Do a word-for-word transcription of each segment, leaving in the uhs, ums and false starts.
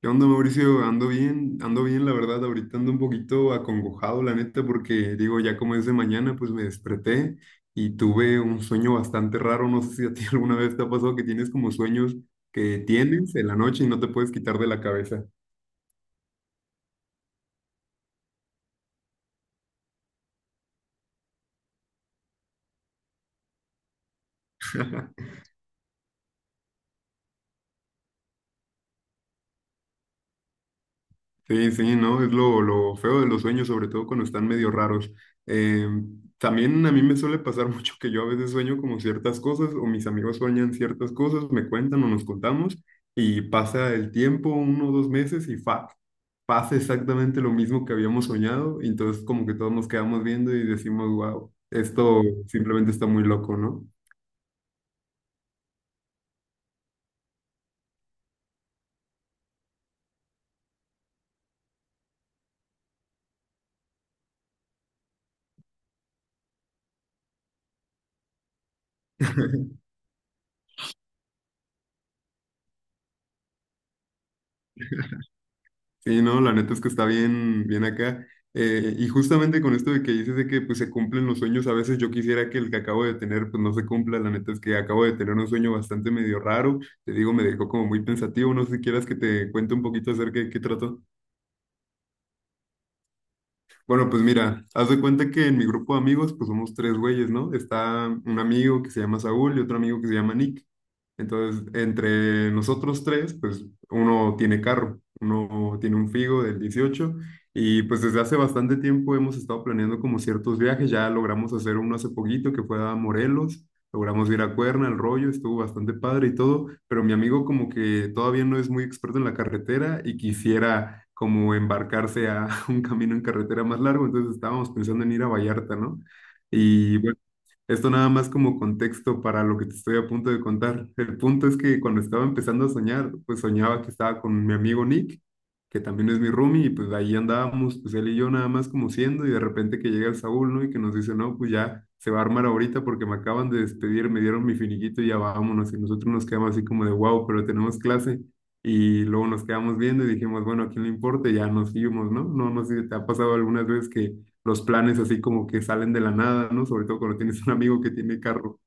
¿Qué onda, Mauricio? Ando bien, ando bien, la verdad. Ahorita ando un poquito acongojado, la neta, porque digo, ya como es de mañana, pues me desperté y tuve un sueño bastante raro. No sé si a ti alguna vez te ha pasado que tienes como sueños que tienes en la noche y no te puedes quitar de la cabeza. Sí, sí, ¿no? Es lo, lo feo de los sueños, sobre todo cuando están medio raros. Eh, también a mí me suele pasar mucho que yo a veces sueño como ciertas cosas o mis amigos sueñan ciertas cosas, me cuentan o nos contamos y pasa el tiempo, uno o dos meses y fa, pasa exactamente lo mismo que habíamos soñado y entonces como que todos nos quedamos viendo y decimos, wow, esto simplemente está muy loco, ¿no? Sí, no, la neta es que está bien, bien acá. Eh, y justamente con esto de que dices de que pues se cumplen los sueños, a veces yo quisiera que el que acabo de tener pues no se cumpla, la neta es que acabo de tener un sueño bastante medio raro, te digo, me dejó como muy pensativo, no sé si quieras que te cuente un poquito acerca de qué trató. Bueno, pues mira, haz de cuenta que en mi grupo de amigos, pues somos tres güeyes, ¿no? Está un amigo que se llama Saúl y otro amigo que se llama Nick. Entonces, entre nosotros tres, pues uno tiene carro, uno tiene un Figo del dieciocho y pues desde hace bastante tiempo hemos estado planeando como ciertos viajes, ya logramos hacer uno hace poquito que fue a Morelos. Logramos ir a Cuerna, el rollo, estuvo bastante padre y todo, pero mi amigo como que todavía no es muy experto en la carretera y quisiera como embarcarse a un camino en carretera más largo, entonces estábamos pensando en ir a Vallarta, ¿no? Y bueno, esto nada más como contexto para lo que te estoy a punto de contar. El punto es que cuando estaba empezando a soñar, pues soñaba que estaba con mi amigo Nick, que también es mi roomie, y pues ahí andábamos, pues él y yo nada más como siendo, y de repente que llega el Saúl, ¿no? Y que nos dice, no, pues ya se va a armar ahorita porque me acaban de despedir, me dieron mi finiquito y ya vámonos. Y nosotros nos quedamos así como de, wow, pero tenemos clase. Y luego nos quedamos viendo y dijimos, bueno, ¿a quién le importa? Y ya nos íbamos, ¿no? No, no sé si te ha pasado algunas veces que los planes así como que salen de la nada, ¿no? Sobre todo cuando tienes un amigo que tiene carro.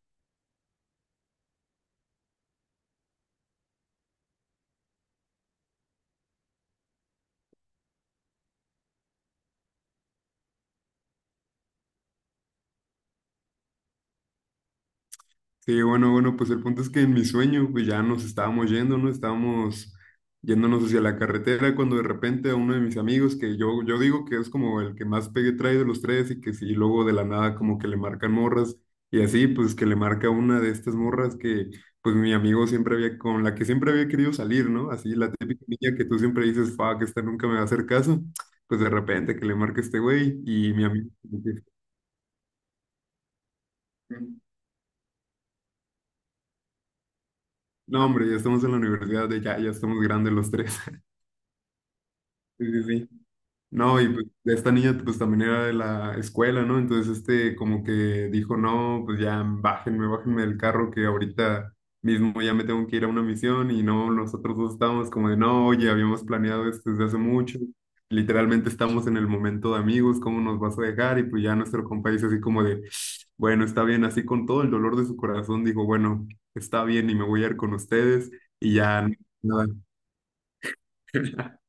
Sí, bueno, bueno, pues el punto es que en mi sueño, pues ya nos estábamos yendo, ¿no? Estábamos yéndonos hacia la carretera cuando de repente a uno de mis amigos, que yo, yo digo que es como el que más pegue trae de los tres y que sí, luego de la nada como que le marcan morras y así, pues que le marca una de estas morras que pues mi amigo siempre había, con la que siempre había querido salir, ¿no? Así la típica niña que tú siempre dices, fuck, esta nunca me va a hacer caso, pues de repente que le marca este güey y mi amigo... como que, no, hombre, ya estamos en la universidad, de ya, ya estamos grandes los tres. Sí, sí, sí. No, y pues de esta niña pues también era de la escuela, ¿no? Entonces este como que dijo, no, pues ya bájenme, bájenme del carro que ahorita mismo ya me tengo que ir a una misión y no, nosotros dos estábamos como de, no, oye, habíamos planeado esto desde hace mucho, literalmente estamos en el momento de amigos, ¿cómo nos vas a dejar? Y pues ya nuestro compa dice así como de, bueno, está bien, así con todo el dolor de su corazón, dijo, bueno, está bien y me voy a ir con ustedes y ya nada.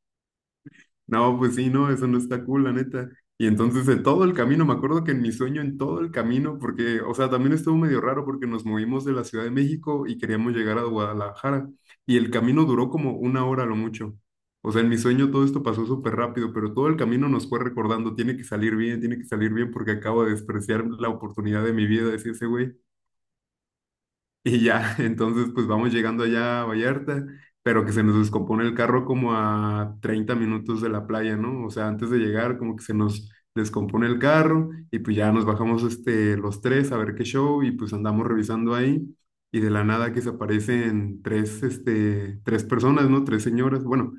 No, pues sí, no, eso no está cool, la neta. Y entonces en todo el camino, me acuerdo que en mi sueño, en todo el camino, porque, o sea, también estuvo medio raro porque nos movimos de la Ciudad de México y queríamos llegar a Guadalajara. Y el camino duró como una hora a lo mucho. O sea, en mi sueño todo esto pasó súper rápido, pero todo el camino nos fue recordando, tiene que salir bien, tiene que salir bien porque acabo de despreciar la oportunidad de mi vida, decía ese güey. Y ya, entonces pues vamos llegando allá a Vallarta, pero que se nos descompone el carro como a treinta minutos de la playa, ¿no? O sea, antes de llegar como que se nos descompone el carro y pues ya nos bajamos este, los tres a ver qué show y pues andamos revisando ahí y de la nada que se aparecen tres, este, tres personas, ¿no? Tres señoras, bueno,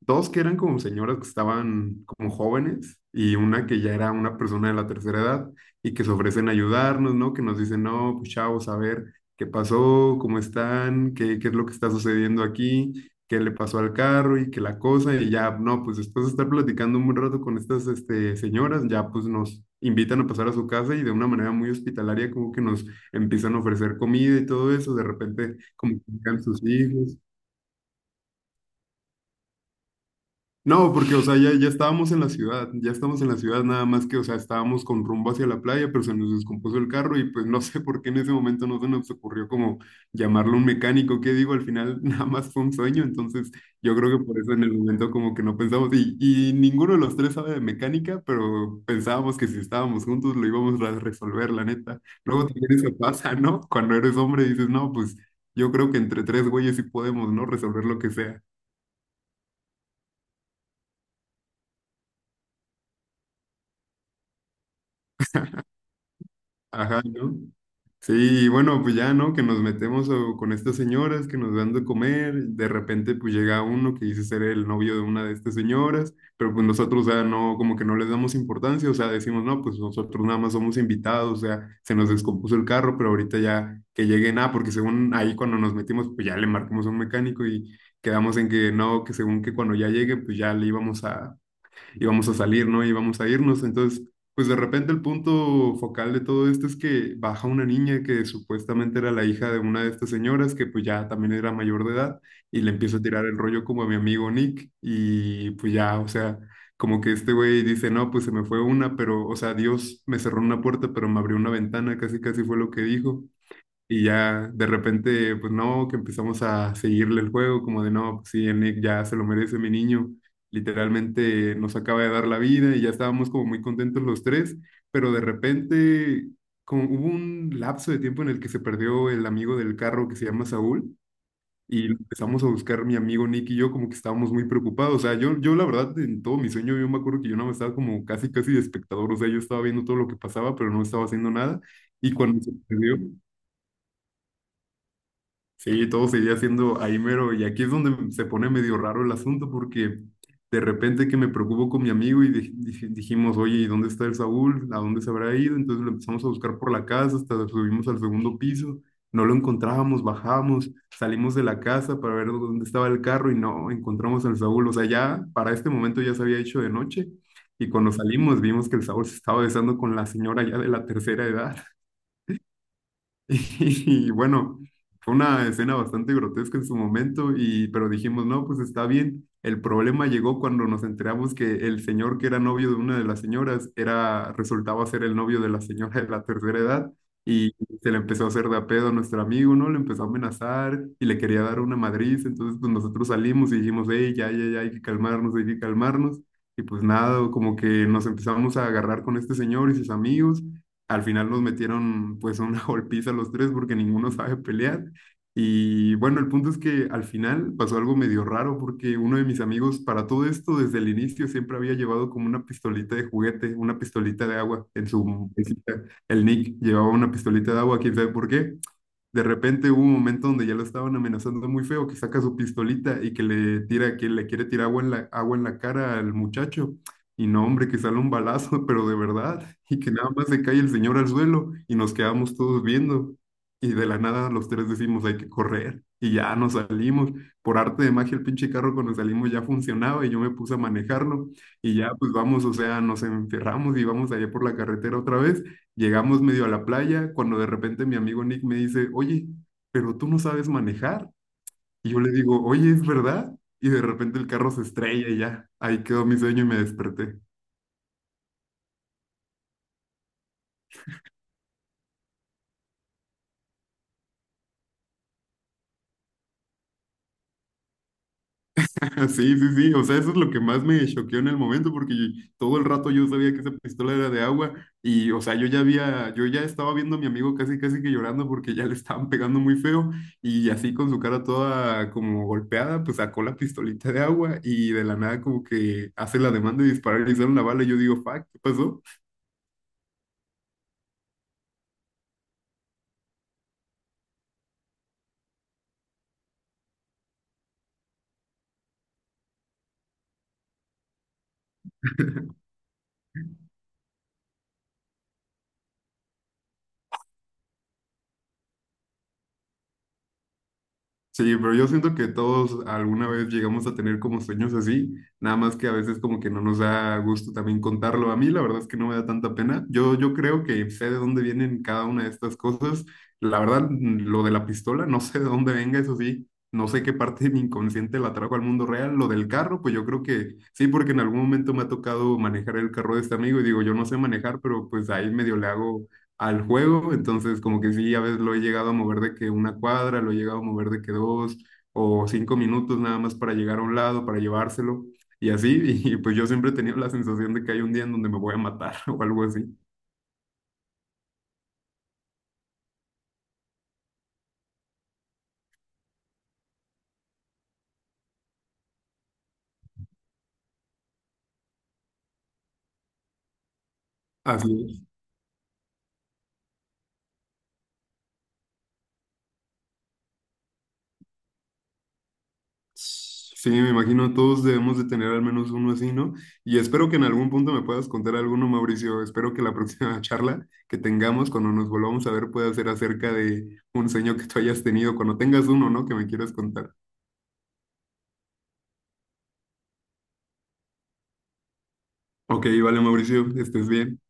dos que eran como señoras que estaban como jóvenes y una que ya era una persona de la tercera edad y que se ofrecen a ayudarnos, ¿no? Que nos dicen, no, pues chavos, a ver qué pasó, cómo están, qué, qué es lo que está sucediendo aquí, qué le pasó al carro y qué la cosa, y ya, no, pues después de estar platicando un buen rato con estas este, señoras, ya pues nos invitan a pasar a su casa y de una manera muy hospitalaria como que nos empiezan a ofrecer comida y todo eso, de repente como que llegan sus hijos. No, porque, o sea, ya, ya estábamos en la ciudad, ya estamos en la ciudad, nada más que, o sea, estábamos con rumbo hacia la playa, pero se nos descompuso el carro y pues no sé por qué en ese momento no se nos ocurrió como llamarlo un mecánico, que digo, al final nada más fue un sueño, entonces yo creo que por eso en el momento como que no pensamos y, y ninguno de los tres sabe de mecánica, pero pensábamos que si estábamos juntos lo íbamos a resolver, la neta. Luego también eso pasa, ¿no? Cuando eres hombre dices, no, pues yo creo que entre tres güeyes sí podemos, ¿no? Resolver lo que sea. Ajá, ¿no? Sí, y bueno, pues ya, ¿no? Que nos metemos o, con estas señoras que nos dan de comer, de repente pues llega uno que dice ser el novio de una de estas señoras, pero pues nosotros, o sea, no, como que no les damos importancia, o sea, decimos, no, pues nosotros nada más somos invitados, o sea, se nos descompuso el carro, pero ahorita ya que lleguen, ah, porque según ahí cuando nos metimos, pues ya le marcamos a un mecánico y quedamos en que no, que según que cuando ya llegue, pues ya le íbamos a, y vamos a salir, ¿no? Y vamos a irnos. Entonces, pues de repente el punto focal de todo esto es que baja una niña que supuestamente era la hija de una de estas señoras, que pues ya también era mayor de edad, y le empieza a tirar el rollo como a mi amigo Nick, y pues ya, o sea, como que este güey dice, no, pues se me fue una, pero, o sea, Dios me cerró una puerta, pero me abrió una ventana, casi casi fue lo que dijo. Y ya de repente, pues no, que empezamos a seguirle el juego, como de no, pues sí, el Nick ya se lo merece, mi niño. Literalmente nos acaba de dar la vida y ya estábamos como muy contentos los tres, pero de repente como hubo un lapso de tiempo en el que se perdió el amigo del carro que se llama Saúl y lo empezamos a buscar mi amigo Nick y yo como que estábamos muy preocupados. O sea, yo, yo la verdad en todo mi sueño yo me acuerdo que yo no estaba como casi casi de espectador, o sea, yo estaba viendo todo lo que pasaba, pero no estaba haciendo nada. Y cuando se perdió... Sí, todo seguía siendo ahí mero. Y aquí es donde se pone medio raro el asunto porque de repente que me preocupo con mi amigo y dij- dij- dijimos, oye, ¿y dónde está el Saúl? ¿A dónde se habrá ido? Entonces lo empezamos a buscar por la casa, hasta subimos al segundo piso, no lo encontrábamos, bajamos, salimos de la casa para ver dónde estaba el carro y no encontramos al Saúl. O sea, ya para este momento ya se había hecho de noche y cuando salimos vimos que el Saúl se estaba besando con la señora ya de la tercera edad. Y bueno, fue una escena bastante grotesca en su momento, y, pero dijimos, no, pues está bien. El problema llegó cuando nos enteramos que el señor que era novio de una de las señoras era, resultaba ser el novio de la señora de la tercera edad, y se le empezó a hacer de a pedo a nuestro amigo, ¿no? Le empezó a amenazar y le quería dar una madriz. Entonces, pues nosotros salimos y dijimos, hey, ya, ya, ya, hay que calmarnos, hay que calmarnos. Y pues nada, como que nos empezamos a agarrar con este señor y sus amigos. Al final nos metieron pues una golpiza los tres porque ninguno sabe pelear. Y bueno, el punto es que al final pasó algo medio raro porque uno de mis amigos para todo esto desde el inicio siempre había llevado como una pistolita de juguete, una pistolita de agua en su mesita. El Nick llevaba una pistolita de agua, quién sabe por qué. De repente hubo un momento donde ya lo estaban amenazando muy feo, que saca su pistolita y que le tira, que le quiere tirar agua en la, agua en la cara al muchacho. Y no, hombre, que sale un balazo, pero de verdad, y que nada más se cae el señor al suelo y nos quedamos todos viendo. Y de la nada los tres decimos, hay que correr. Y ya nos salimos. Por arte de magia, el pinche carro cuando salimos ya funcionaba y yo me puse a manejarlo. Y ya pues vamos, o sea, nos enferramos y vamos allá por la carretera otra vez. Llegamos medio a la playa cuando de repente mi amigo Nick me dice, oye, pero tú no sabes manejar. Y yo le digo, oye, ¿es verdad? Y de repente el carro se estrella y ya, ahí quedó mi sueño y me desperté. Sí, sí, sí, o sea, eso es lo que más me choqueó en el momento, porque yo- todo el rato yo sabía que esa pistola era de agua y, o sea, yo ya había, yo ya estaba viendo a mi amigo casi, casi que llorando porque ya le estaban pegando muy feo y así con su cara toda como golpeada, pues sacó la pistolita de agua y de la nada como que hace la demanda de disparar y le hicieron la bala y yo digo, fuck, ¿qué pasó? Sí, pero yo siento que todos alguna vez llegamos a tener como sueños así, nada más que a veces como que no nos da gusto también contarlo. A mí la verdad es que no me da tanta pena. Yo, yo creo que sé de dónde vienen cada una de estas cosas. La verdad, mm, lo de la pistola, no sé de dónde venga, eso sí. No sé qué parte de mi inconsciente la trajo al mundo real. Lo del carro, pues yo creo que sí, porque en algún momento me ha tocado manejar el carro de este amigo y digo, yo no sé manejar, pero pues ahí medio le hago al juego, entonces como que sí, a veces lo he llegado a mover de que una cuadra, lo he llegado a mover de que dos o cinco minutos nada más para llegar a un lado, para llevárselo y así, y, y pues yo siempre he tenido la sensación de que hay un día en donde me voy a matar o algo así. Así es. Sí, me imagino todos debemos de tener al menos uno así, ¿no? Y espero que en algún punto me puedas contar alguno, Mauricio. Espero que la próxima charla que tengamos cuando nos volvamos a ver pueda ser acerca de un sueño que tú hayas tenido, cuando tengas uno, ¿no? Que me quieras contar. Ok, vale, Mauricio, estés bien.